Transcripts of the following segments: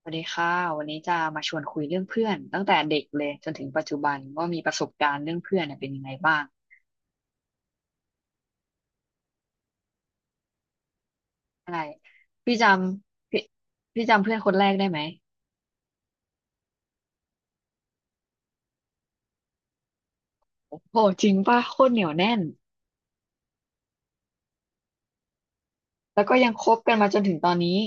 สวัสดีค่ะวันนี้จะมาชวนคุยเรื่องเพื่อนตั้งแต่เด็กเลยจนถึงปัจจุบันว่ามีประสบการณ์เรื่องเพื่อนเนี่ยเป็นยังไงบ้างใช่พี่จำพี่พี่จำเพื่อนคนแรกได้ไหมโอ้โหจริงป่ะโคตรเหนียวแน่นแล้วก็ยังคบกันมาจนถึงตอนนี้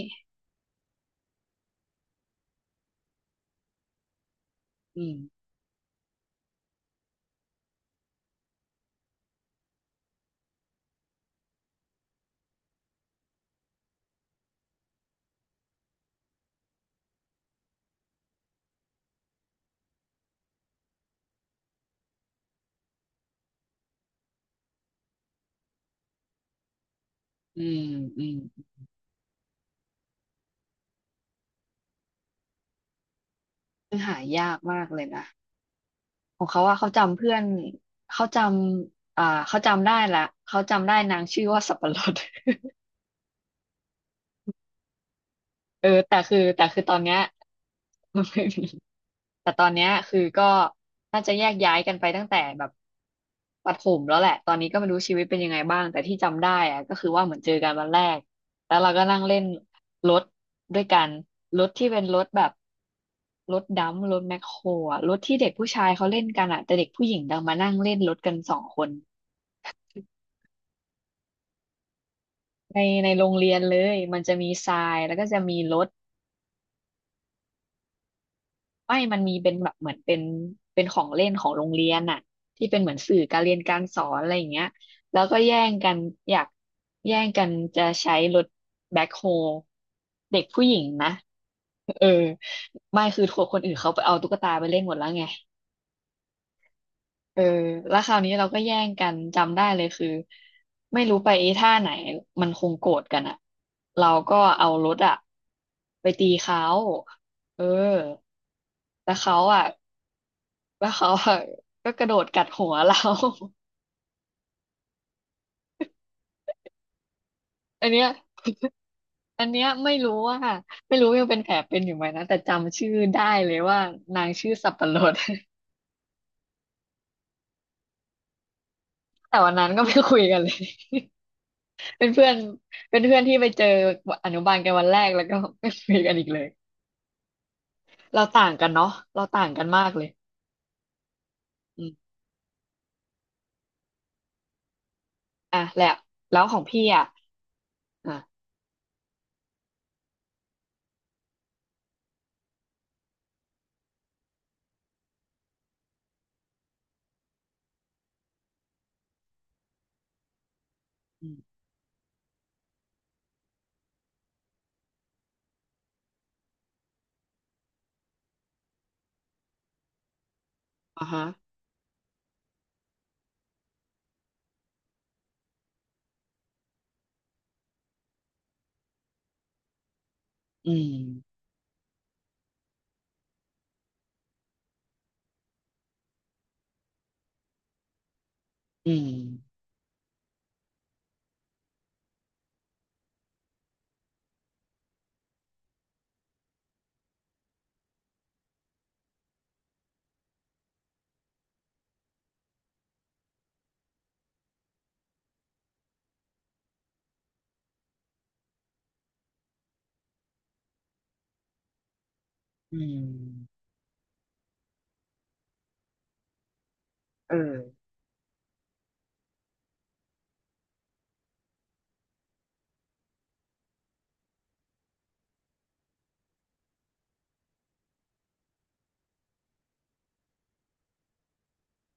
อืมอืมอืมซึ่งหายากมากเลยนะของเขาว่าเขาจำเพื่อนเขาจำอ่าเขาจำได้ละเขาจำได้นางชื่อว่าสับปะรด เออแต่คือแต่คือตอนเนี้ย ไม่มี แต่ตอนเนี้ยคือก็น่าจะแยกย้ายกันไปตั้งแต่แบบประถมแล้วแหละตอนนี้ก็ไม่รู้ชีวิตเป็นยังไงบ้างแต่ที่จำได้อะก็คือว่าเหมือนเจอกันวันแรกแล้วเราก็นั่งเล่นรถด้วยกันรถที่เป็นรถแบบรถดัมป์รถแมคโครอะรถที่เด็กผู้ชายเขาเล่นกันอะแต่เด็กผู้หญิงดังมานั่งเล่นรถกันสองคนในในโรงเรียนเลยมันจะมีทรายแล้วก็จะมีรถ ไม่มันมีเป็นแบบเหมือนเป็นเป็นของเล่นของโรงเรียนน่ะที่เป็นเหมือนสื่อการเรียนการสอนอะไรอย่างเงี้ยแล้วก็แย่งกันอยากแย่งกันจะใช้รถแบ็คโฮเด็กผู้หญิงนะเออไม่คือทัวคนอื่นเขาไปเอาตุ๊กตาไปเล่นหมดแล้วไงเออแล้วคราวนี้เราก็แย่งกันจำได้เลยคือไม่รู้ไปไอ้ท่าไหนมันคงโกรธกันอะเราก็เอารถอะไปตีเขาเออแต่เขาอะ แล้วเขาอะก็กระโดดกัดหัวเรา อันเนี้ยอันเนี้ยไม่รู้ว่าไม่รู้ยังเป็นแผลเป็นอยู่ไหมนะแต่จำชื่อได้เลยว่านางชื่อสับปะรด แต่วันนั้นก็ไม่คุยกันเลย เป็นเพื่อนเป็นเพื่อนที่ไปเจออนุบาลกันวันแรกแล้วก็ไม่คุยกันอีกเลยเราต่างกันมากเลยอืมอ่ะแหละแล้วของพี่อ่ะอ่ะอืมอ่ะฮะ อืม อืมอืมเออ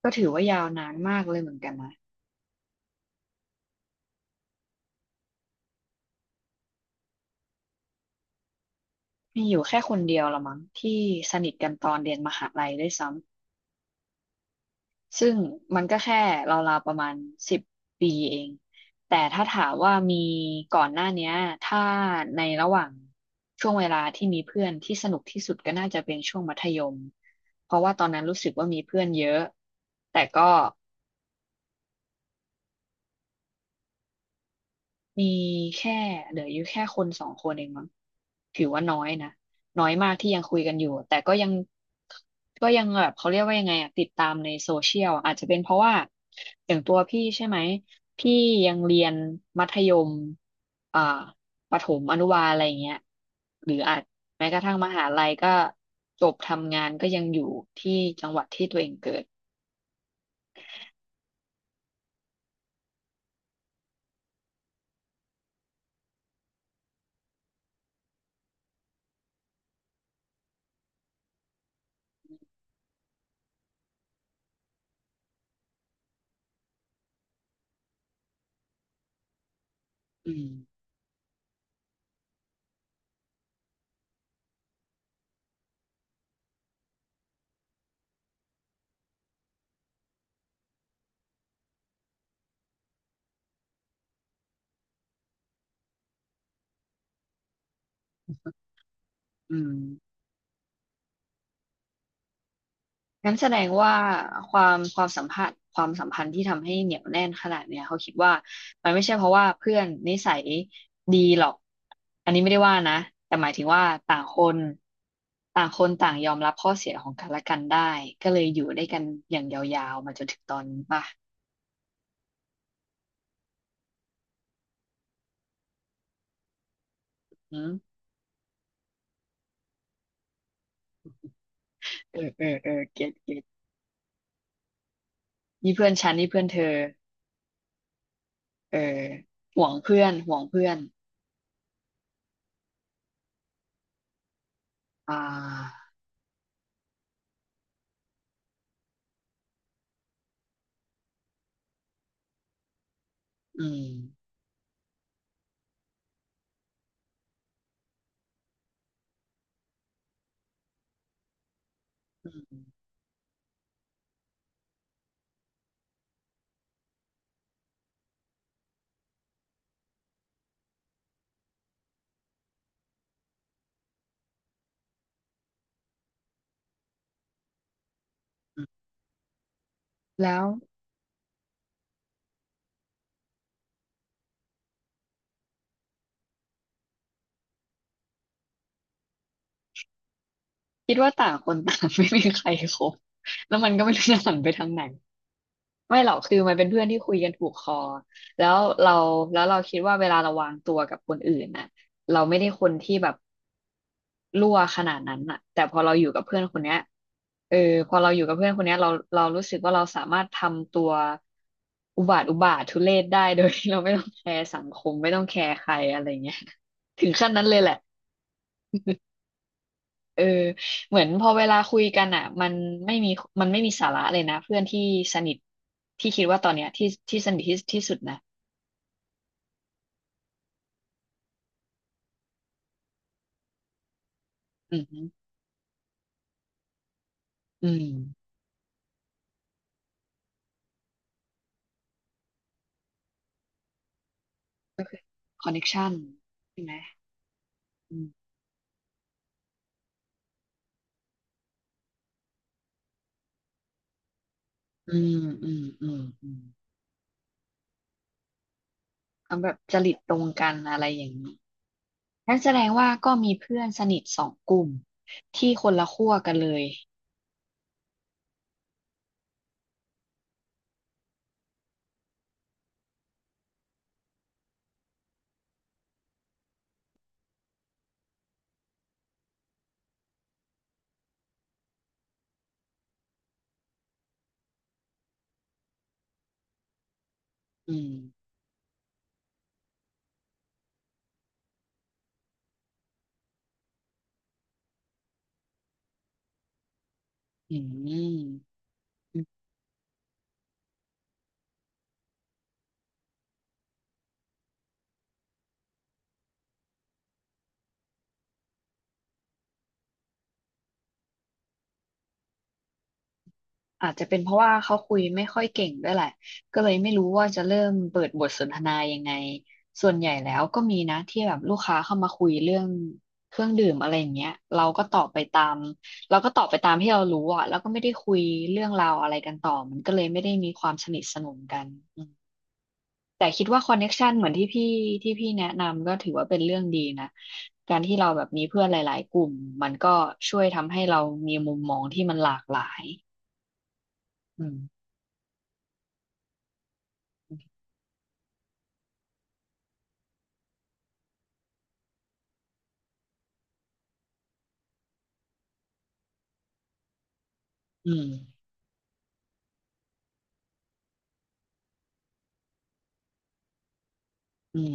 ก็ถือว่ายาวนานมากเลยเหมือนกันนะ มีอยู่แค่คนเดียวละมั้งที่สนิทกันตอนเรียนมหาลัยด้วยซ้ำซึ่งมันก็แค่ราวๆประมาณ10ปีเองแต่ถ้าถามว่ามีก่อนหน้าเนี้ยถ้าในระหว่างช่วงเวลาที่มีเพื่อนที่สนุกที่สุดก็น่าจะเป็นช่วงมัธยมเพราะว่าตอนนั้นรู้สึกว่ามีเพื่อนเยอะแต่ก็ มีแค่เหลืออยู่แค่คนสองคนเองมั้งถือว่าน้อยนะน้อยมากที่ยังคุยกันอยู่แต่ก็ยังก็ยังแบบเขาเรียกว่ายังไงอะติดตามในโซเชียลอาจจะเป็นเพราะว่าอย่างตัวพี่ใช่ไหมพี่ยังเรียนมัธยมอ่าประถมอนุบาลอะไรอย่างเงี้ยหรืออาจแม้กระทั่งมหาลัยก็จบทำงานก็ยังอยู่ที่จังหวัดที่ตัวเองเกิดอืมอืม งั้นแสดงว่าความความสัมพันธ์ความสัมพันธ์ที่ทำให้เหนียวแน่นขนาดเนี้ยเขาคิดว่ามันไม่ใช่เพราะว่าเพื่อนนิสัยดีหรอกอันนี้ไม่ได้ว่านะแต่หมายถึงว่าต่างคนต่างยอมรับข้อเสียของกันและกันได้ก็เลยอยู่ได้กันอย่างยาวๆมาจนถึงตอนนี้ป่ะอืมเออเออเก็ตเก็ตนี่เพื่อนฉันนี่เพื่อนเธอเออห่วงเพื่อนห่วงเพื่อนอ่าอืมอืมแล้ว คิดว่าต่างคนต่าง ไม่มีใครคบ แล้วมันก็ไม่รู้จะหันไปทางไหนไม่หรอกคือมันเป็นเพื่อนที่คุยกันถูกคอแล้วเราแล้วเราคิดว่าเวลาเราวางตัวกับคนอื่นน่ะเราไม่ได้คนที่แบบรั่วขนาดนั้นน่ะแต่พอเราอยู่กับเพื่อนคนเนี้ยเออพอเราอยู่กับเพื่อนคนเนี้ยเรารู้สึกว่าเราสามารถทำตัวอุบาททุเรศได้ โดยที่เราไม่ต้องแคร์สังคมไม่ต้องแคร์ใครอะไรเงี้ยถึงขั้นนั้นเลยแหละ เออเหมือนพอเวลาคุยกันอ่ะมันไม่มีมันไม่มีสาระเลยนะเพื่อนที่สนิทที่คิดว่าตอนเนี้ยที่ที่สนิทที่ที่สุดนะอืมอืมก็คือคอนเนคชันใช่ไหมอืมอืมอืมอืมอืมทำแบบจริตตรงกันอะไรอย่างนี้นั่นแสดงว่าก็มีเพื่อนสนิทสองกลุ่มที่คนละขั้วกันเลยอืมอืม อาจจะเป็นเพราะว่าเขาคุยไม่ค่อยเก่งด้วยแหละก็เลยไม่รู้ว่าจะเริ่มเปิดบทสนทนายังไง ส่วนใหญ่แล้วก็มีนะที่แบบลูกค้าเข้ามาคุยเรื่องเครื่องดื่มอะไรอย่างเงี้ยเราก็ตอบไปตามที่เรารู้อ่ะแล้วก็ไม่ได้คุยเรื่องราวอะไรกันต่อมันก็เลยไม่ได้มีความสนิทสนมกันอืมแต่คิดว่าคอนเน็กชันเหมือนที่พี่แนะนำก็ถือว่าเป็นเรื่องดีนะการที่เราแบบมีเพื่อนหลายๆกลุ่มมันก็ช่วยทำให้เรามีมุมมองที่มันหลากหลายอืมอืม อืม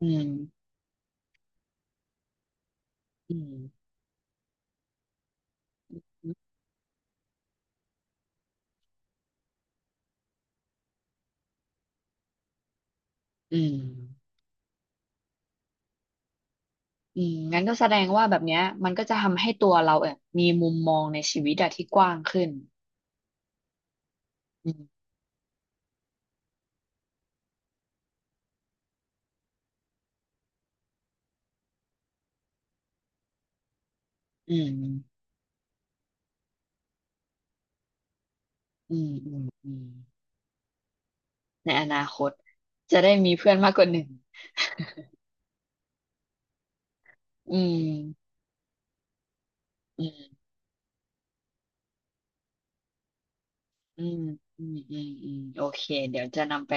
อืมอืมอืมอืมงั้นก็แสดงว่าแบบเนี้ยมันก็จะทำให้ตัวเราเออมีมุมมองในชีวิตอะที่กว้างขึ้นอืมอืมอืมอืมอืมในอนาคตจะได้มีเพื่อนมากกว่า1อืมอืมอืมอืมอืมอืมโอเคเดี๋ยวจะนำไป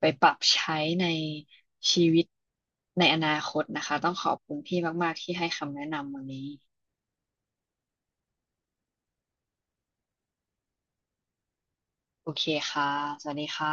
ไปปรับใช้ในชีวิตในอนาคตนะคะต้องขอบคุณพี่มากๆที่ให้คำแนะนำวันนี้โอเคค่ะ สวัสดีค่ะ